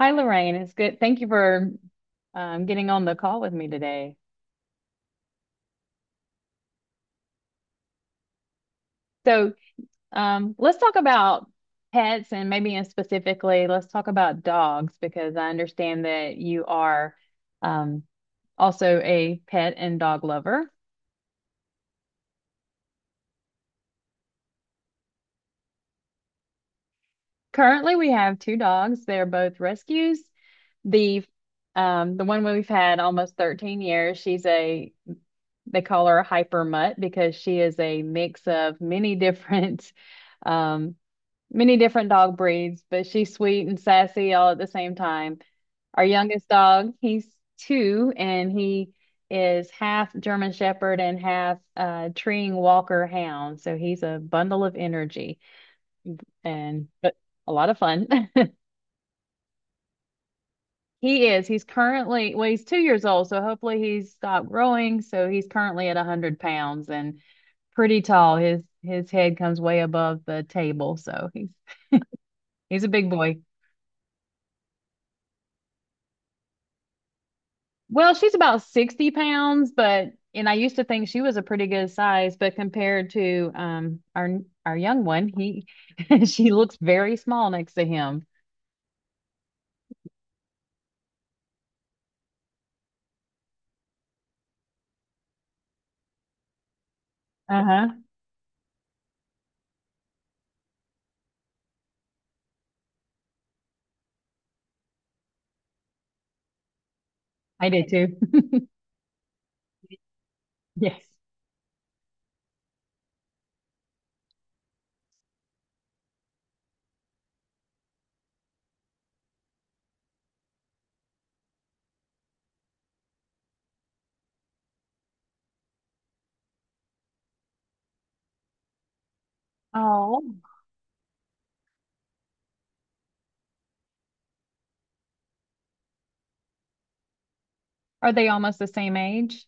Hi, Lorraine. It's good. Thank you for getting on the call with me today. So, let's talk about pets and maybe in specifically, let's talk about dogs because I understand that you are um, also a pet and dog lover. Currently, we have two dogs. They're both rescues. The the one we've had almost 13 years, she's a they call her a hyper mutt because she is a mix of many different um, many different dog breeds, but she's sweet and sassy all at the same time. Our youngest dog, he's two, and he is half German Shepherd and half treeing Walker Hound. So he's a bundle of energy and but a lot of fun. He is. He's currently, well, he's 2 years old, so hopefully he's stopped growing. So he's currently at 100 pounds and pretty tall. His head comes way above the table, so he's a big boy. Well, she's about 60 pounds, but and I used to think she was a pretty good size, but compared to our young one, he she looks very small next to him. Uh-huh. I did too. Yes. Oh, are they almost the same age?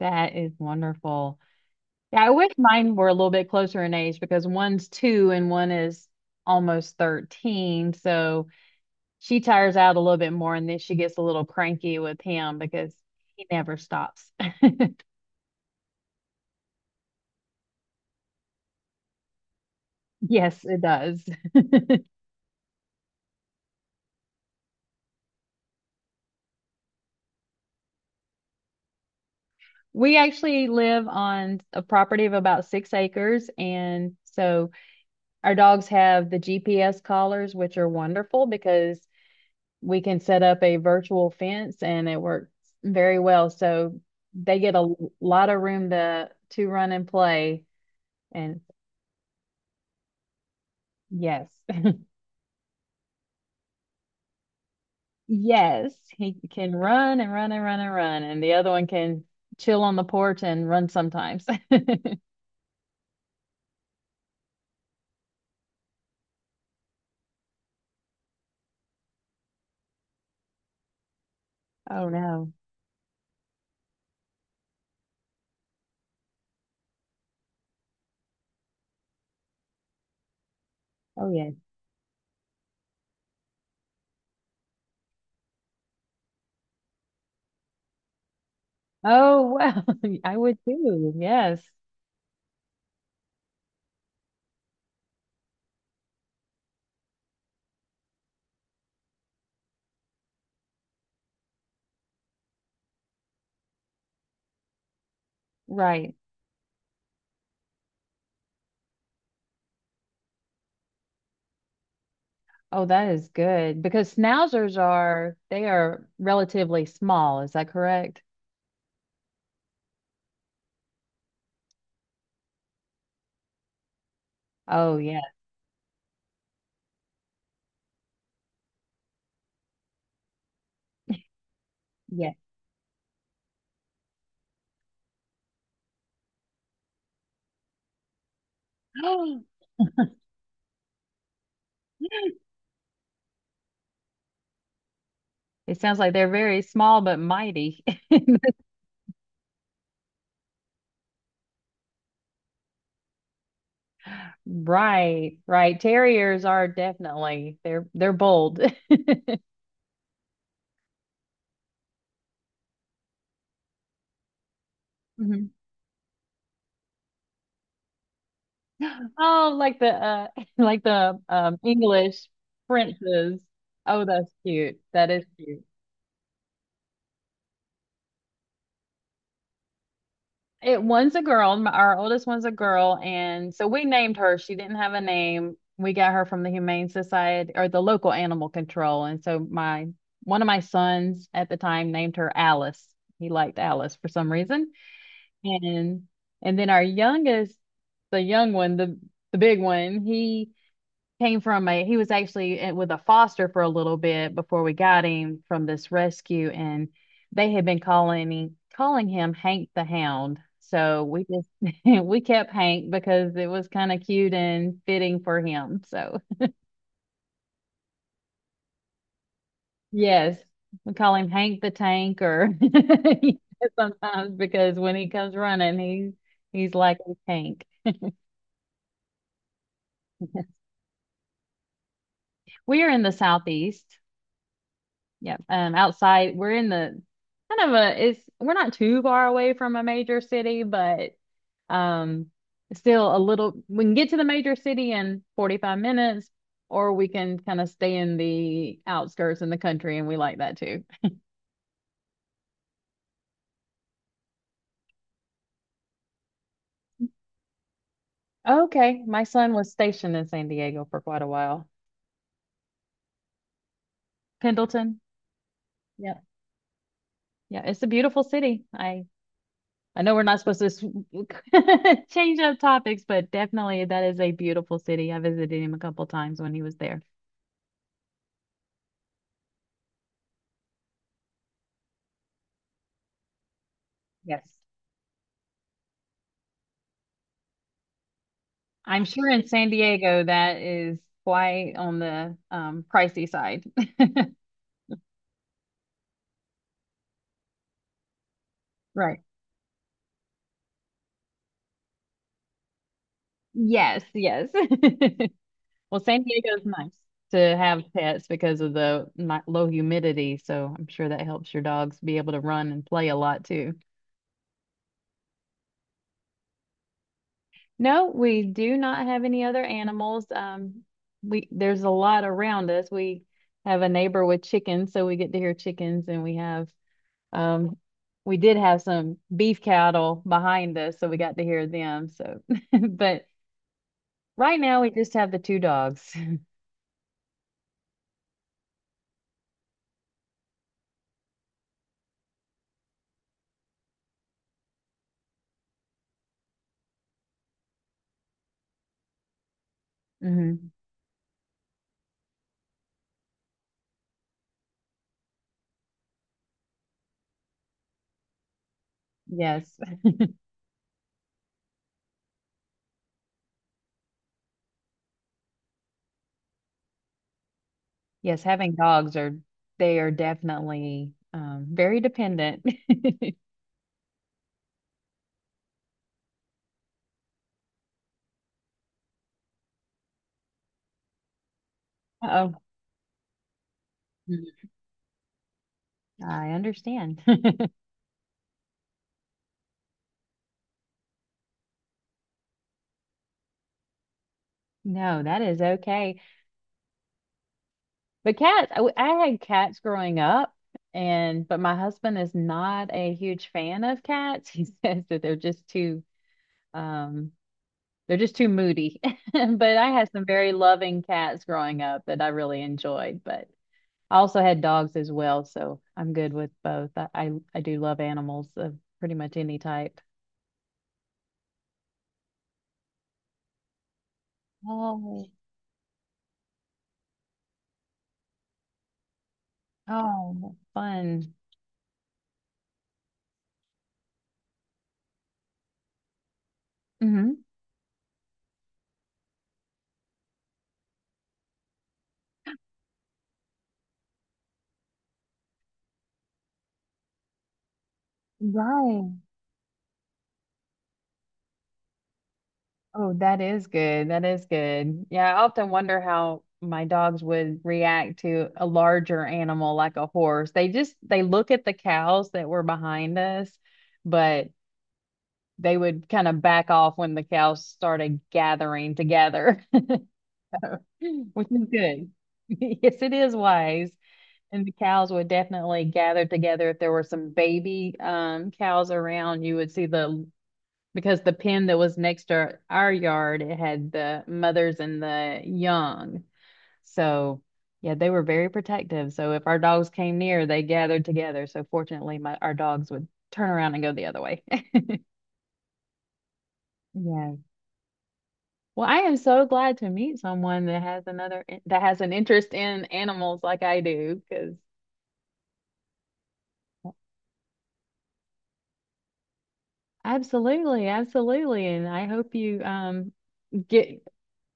That is wonderful. Yeah, I wish mine were a little bit closer in age because one's two and one is almost 13. So she tires out a little bit more and then she gets a little cranky with him because he never stops. Yes, it does. We actually live on a property of about 6 acres. And so our dogs have the GPS collars, which are wonderful because we can set up a virtual fence and it works very well. So they get a lot of room to, run and play. And yes, yes, he can run and run and run and run. And the other one can chill on the porch and run sometimes. Oh, no. Oh, yes. Oh, well, I would too. Yes. Right. Oh, that is good because schnauzers are they are relatively small. Is that correct? Oh, yeah. Yeah. It sounds like they're very small but mighty. Right. Right. Terriers are definitely they're bold. Mhm. Oh, like the like the English princes. Oh, that's cute. That is cute. It one's a girl. My- Our oldest one's a girl, and so we named her. She didn't have a name. We got her from the Humane Society or the local animal control. And so my one of my sons at the time named her Alice. He liked Alice for some reason. And and then our youngest, the young one, the big one, he came from a he was actually with a foster for a little bit before we got him from this rescue and they had been calling him Hank the Hound. So we just we kept Hank because it was kind of cute and fitting for him. So yes, we call him Hank the Tank or sometimes because when he comes running he's like a tank. We are in the southeast. Yeah. Outside, we're in the kind of a it's we're not too far away from a major city, but um still a little we can get to the major city in 45 minutes, or we can kind of stay in the outskirts in the country, and we like that too. Okay. My son was stationed in San Diego for quite a while. Pendleton. Yeah. Yeah, it's a beautiful city. I know we're not supposed to s- change up topics, but definitely that is a beautiful city. I visited him a couple times when he was there. Yes. I'm sure in San Diego that is quite on the pricey side. Right. Yes, yes. Well, San Diego's nice to have pets because of the mi- low humidity, so I'm sure that helps your dogs be able to run and play a lot too. No, we do not have any other animals. We there's a lot around us. We have a neighbor with chickens, so we get to hear chickens, and we have Um, we did have some beef cattle behind us, so we got to hear them. So, but right now we just have the two dogs. Hmm. Yes. Yes, having dogs are they are definitely very dependent. Oh, I understand. No, that is okay. But cats, I had cats growing up, and but my husband is not a huge fan of cats. He says that they're just too um they're just too moody. But I had some very loving cats growing up that I really enjoyed. But I also had dogs as well, so I'm good with both. I do love animals of pretty much any type. Oh, oh, fun. Hmm. Right. Oh, that is good. That is good. Yeah, I often wonder how my dogs would react to a larger animal like a horse. They just they look at the cows that were behind us, but they would kind of back off when the cows started gathering together, which is good. Yes, it is wise. And the cows would definitely gather together. If there were some baby cows around, you would see the, because the pen that was next to our yard, it had the mothers and the young. So, yeah, they were very protective. So if our dogs came near, they gathered together. So fortunately, my, our dogs would turn around and go the other way. Yeah. Well, I am so glad to meet someone that has another that has an interest in animals like I do, because absolutely, absolutely. And I hope you get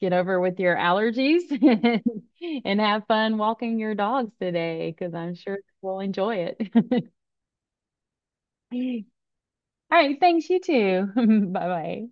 get over with your allergies and have fun walking your dogs today, because I'm sure we'll enjoy it. All right, thanks, you too. Bye bye.